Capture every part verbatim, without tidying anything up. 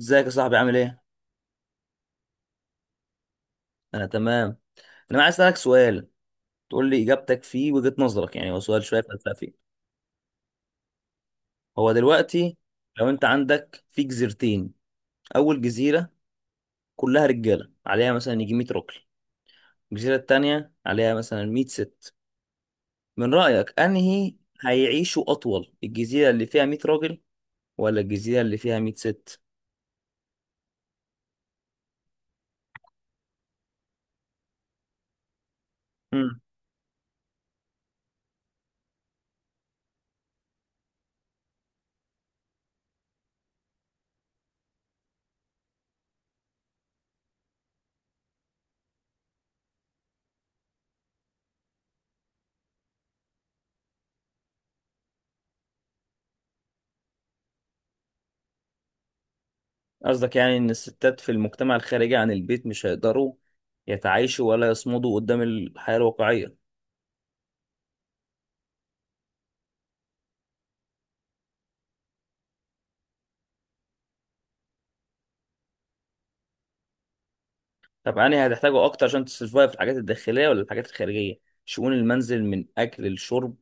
ازيك يا صاحبي؟ عامل ايه؟ انا تمام. انا عايز اسالك سؤال تقول لي اجابتك فيه وجهة نظرك، يعني هو سؤال شويه فلسفي. هو دلوقتي لو انت عندك في جزيرتين، اول جزيره كلها رجاله عليها مثلا يجي مية راجل، الجزيره التانيه عليها مثلا مية ست. من رايك انهي هيعيشوا اطول، الجزيره اللي فيها مية راجل ولا الجزيره اللي فيها مية ست؟ امم قصدك يعني ان الستات في المجتمع الخارجي عن البيت مش هيقدروا يتعايشوا ولا يصمدوا قدام الحياه الواقعيه؟ طب أنهي هتحتاجه أكتر عشان تسرفايف، الحاجات الداخلية ولا الحاجات الخارجية؟ شؤون المنزل من أكل لشرب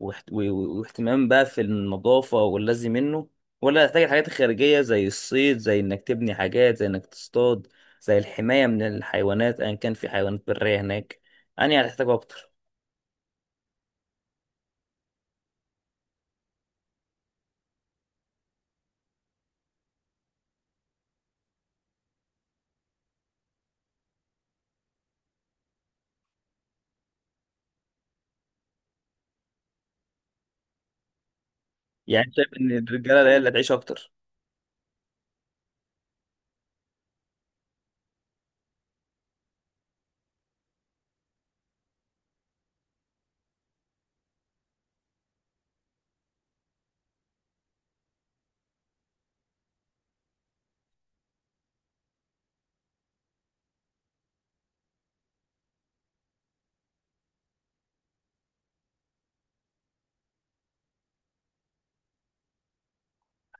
واحت- و- و- واهتمام بقى في النظافة واللازم منه، ولا هتحتاج الحاجات الخارجية زي الصيد، زي إنك تبني حاجات، زي إنك تصطاد، زي الحماية من الحيوانات، أيا كان في حيوانات برية هناك. أنهي هتحتاجه أكتر؟ يعني أنت شايف إن الرجالة هي اللي هتعيش أكتر.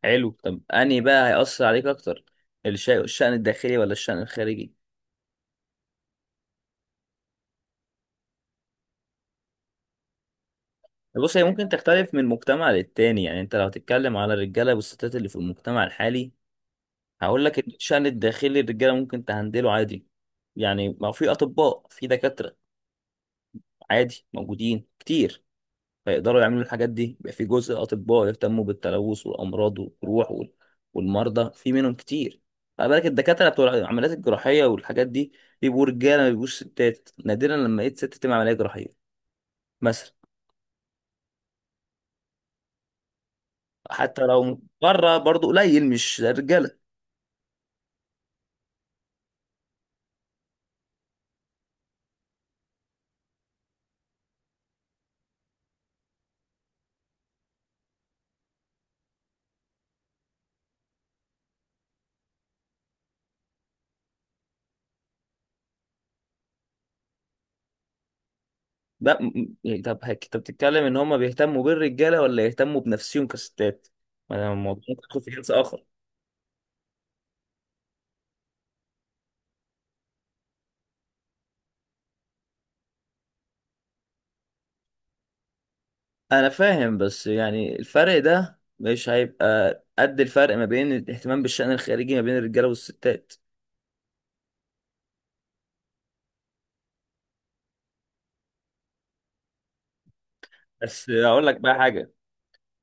حلو، طب أنهي بقى هيأثر عليك أكتر، الشيء الشأن الداخلي ولا الشأن الخارجي؟ بص، هي ممكن تختلف من مجتمع للتاني، يعني انت لو هتتكلم على الرجاله والستات اللي في المجتمع الحالي هقول لك ان الشأن الداخلي الرجاله ممكن تهندله عادي. يعني ما هو في اطباء، في دكاتره عادي موجودين كتير، فيقدروا يعملوا الحاجات دي، يبقى في جزء اطباء يهتموا بالتلوث والامراض والجروح وال- والمرضى، في منهم كتير. خلي بالك الدكاتره بتوع العمليات الجراحيه والحاجات دي بيبقوا رجاله، ما بيبقوش ستات، نادرا لما لقيت ست تعمل عمليه جراحيه مثلا. حتى لو بره برضه قليل، مش زي الرجاله. بقى م- طب هك- انت بتتكلم ان هم بيهتموا بالرجاله ولا يهتموا بنفسهم كستات؟ ما انا الموضوع ممكن يكون في جنس اخر. انا فاهم بس يعني الفرق ده مش هيبقى قد الفرق ما بين الاهتمام بالشأن الخارجي ما بين الرجاله والستات. بس اقول لك بقى حاجه،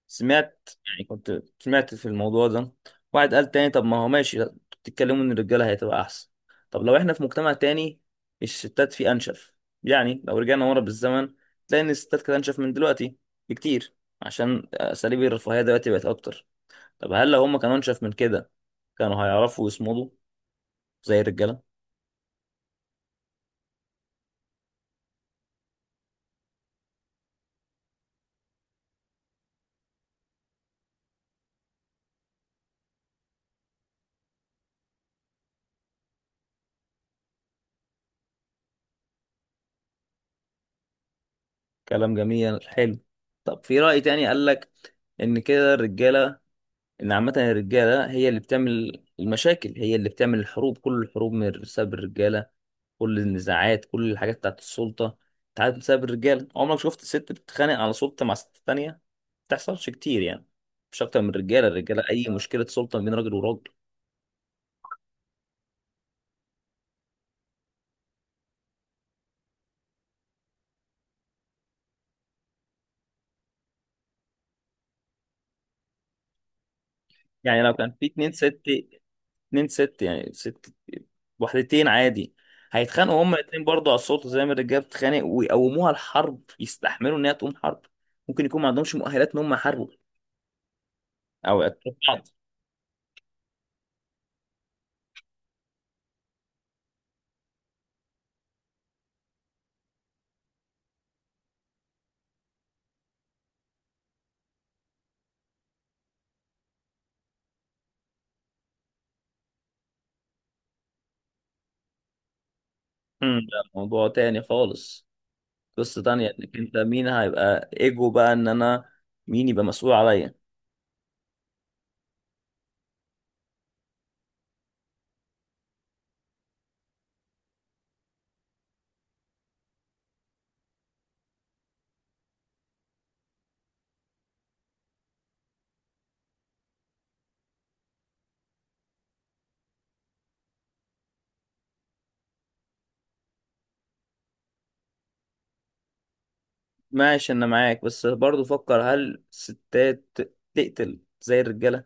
سمعت، يعني كنت سمعت في الموضوع ده، واحد قال تاني طب ما هو ماشي، بتتكلموا ان الرجاله هتبقى احسن، طب لو احنا في مجتمع تاني الستات فيه انشف، يعني لو رجعنا ورا بالزمن تلاقي ان الستات كانت انشف من دلوقتي بكتير، عشان اساليب الرفاهيه دلوقتي بقت اكتر. طب هل لو هم كانوا انشف من كده كانوا هيعرفوا يصمدوا زي الرجاله؟ كلام جميل، حلو. طب في رأي تاني قال لك ان كده الرجاله، ان عامه الرجاله هي اللي بتعمل المشاكل، هي اللي بتعمل الحروب، كل الحروب من بسبب الرجاله، كل النزاعات، كل الحاجات بتاعت السلطه بتاعت بسبب الرجاله. عمرك شفت ست بتتخانق على سلطه مع ست تانية؟ ما بتحصلش كتير يعني، مش اكتر من الرجاله. الرجاله، اي مشكله سلطه ما بين راجل وراجل. يعني لو كان في اتنين ست، اتنين ست يعني ست وحدتين عادي، هيتخانقوا هما الاتنين برضه على السلطه زي ما الرجاله بتتخانق، ويقوموها الحرب، يستحملوا ان هي تقوم حرب. ممكن يكون ما عندهمش مؤهلات ان هم يحاربوا او اتفقت. امم ده موضوع تاني خالص، قصة تانية، انك انت مين هيبقى ايجو بقى ان انا مين يبقى مسؤول عليا. ماشي، انا معاك، بس برضو فكر، هل الستات تقتل زي الرجالة؟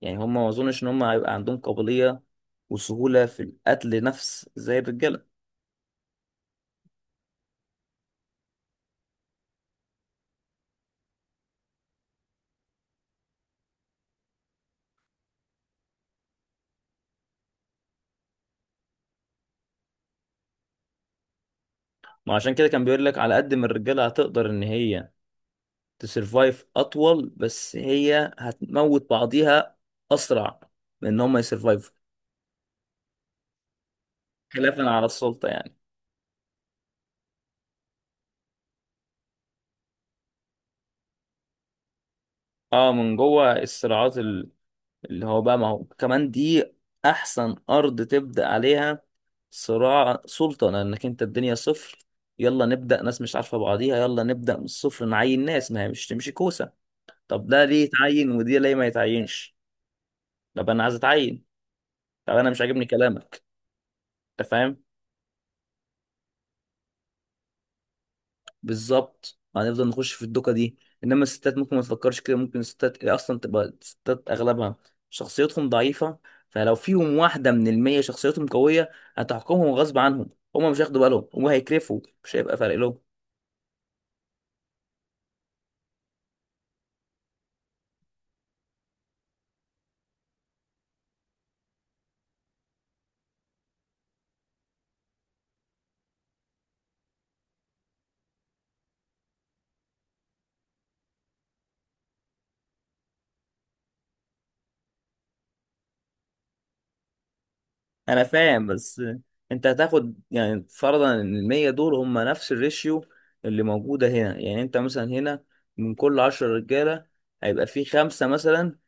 يعني هم ما اظنش ان هم هيبقى عندهم قابلية وسهولة في القتل نفس زي الرجالة. ما عشان كده كان بيقول لك على قد ما الرجالة هتقدر ان هي تسرفايف اطول، بس هي هتموت بعضيها اسرع من ان هم يسرفايف، خلافا على السلطة يعني. اه، من جوه الصراعات ال- اللي هو بقى، ما هو كمان دي احسن ارض تبدا عليها صراع سلطه، لانك انت الدنيا صفر، يلا نبدا، ناس مش عارفه بعضيها، يلا نبدا من الصفر نعين ناس، ما هي مش تمشي كوسه، طب ده ليه يتعين ودي ليه ما يتعينش، طب انا عايز اتعين، طب انا مش عاجبني كلامك، انت فاهم؟ بالظبط، هنفضل نخش في الدوكه دي. انما الستات ممكن ما تفكرش كده، ممكن الستات اصلا تبقى الستات اغلبها شخصيتهم ضعيفه، فلو فيهم واحده من المية شخصيتهم قويه هتحكمهم غصب عنهم، هما مش هياخدوا بالهم، هما هيكرفوا، مش هيبقى فارق لهم. انا فاهم، بس انت هتاخد يعني فرضا ان المية دول هما نفس الريشيو اللي موجوده هنا، يعني انت مثلا هنا من كل عشرة رجاله هيبقى في خمسه مثلا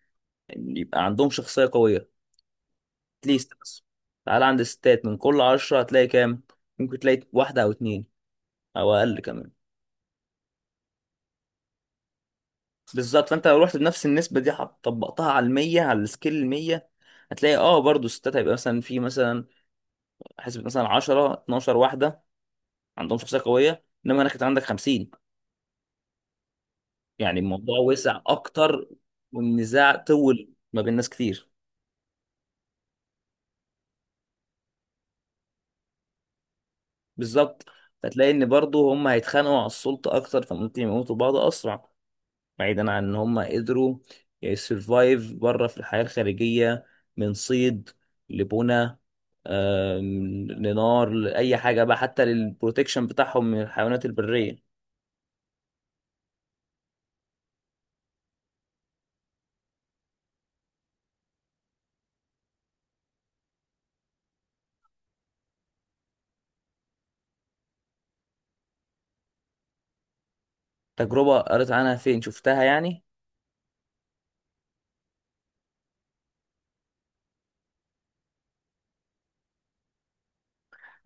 يبقى عندهم شخصيه قويه ليست، بس تعال عند الستات من كل عشرة هتلاقي كام؟ ممكن تلاقي واحدة أو اتنين أو أقل كمان. بالظبط، فأنت لو رحت بنفس النسبة دي حط- طبقتها على المية، على السكيل المية، هتلاقي اه برضو الستات هيبقى مثلا في مثلا حسبة مثلا عشرة اتناشر واحدة عندهم شخصية قوية، إنما أنا كنت عندك خمسين. يعني الموضوع وسع أكتر، والنزاع طول ما بين ناس كتير. بالظبط، فتلاقي إن برضو هم هيتخانقوا على السلطة أكتر، فممكن يموتوا بعض أسرع، بعيدا عن ان هم قدروا يسرفايف بره في الحياة الخارجية، من صيد، لبنى، آم، لنار، لأي حاجة بقى، حتى للبروتكشن بتاعهم من الحيوانات البرية. تجربة قريت عنها؟ فين شفتها يعني؟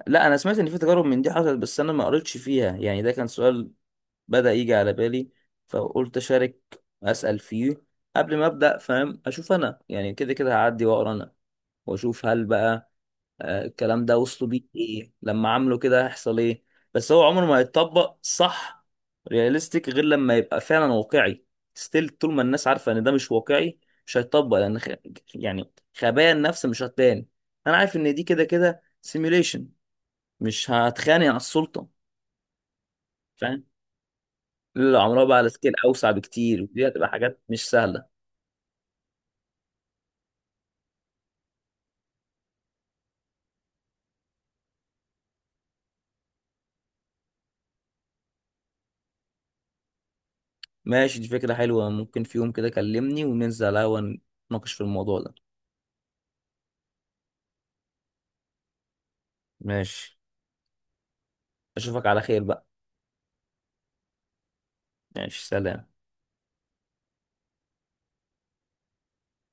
لا، أنا سمعت إن في تجارب من دي حصلت بس أنا ما قريتش فيها، يعني ده كان سؤال بدأ يجي على بالي فقلت أشارك، أسأل فيه قبل ما أبدأ، فاهم، أشوف أنا، يعني كده كده هعدي وأقرأ أنا وأشوف هل بقى آه، الكلام ده وصلوا بيه ايه، لما عملوا كده هيحصل ايه. بس هو عمره ما هيتطبق صح، رياليستيك، غير لما يبقى فعلا واقعي، ستيل طول ما الناس عارفه ان ده مش واقعي مش هيتطبق، لان خ... يعني خبايا النفس مش هتبان، انا عارف ان دي كده كده سيميوليشن، مش هتخانق على السلطه، فاهم؟ لا عمرها، بقى على سكيل اوسع بكتير ودي هتبقى حاجات مش سهله. ماشي، دي فكره حلوه، ممكن في يوم كده كلمني وننزل على القهوه نتناقش في الموضوع ده. ماشي، اشوفك على خير بقى. ماشي، سلام.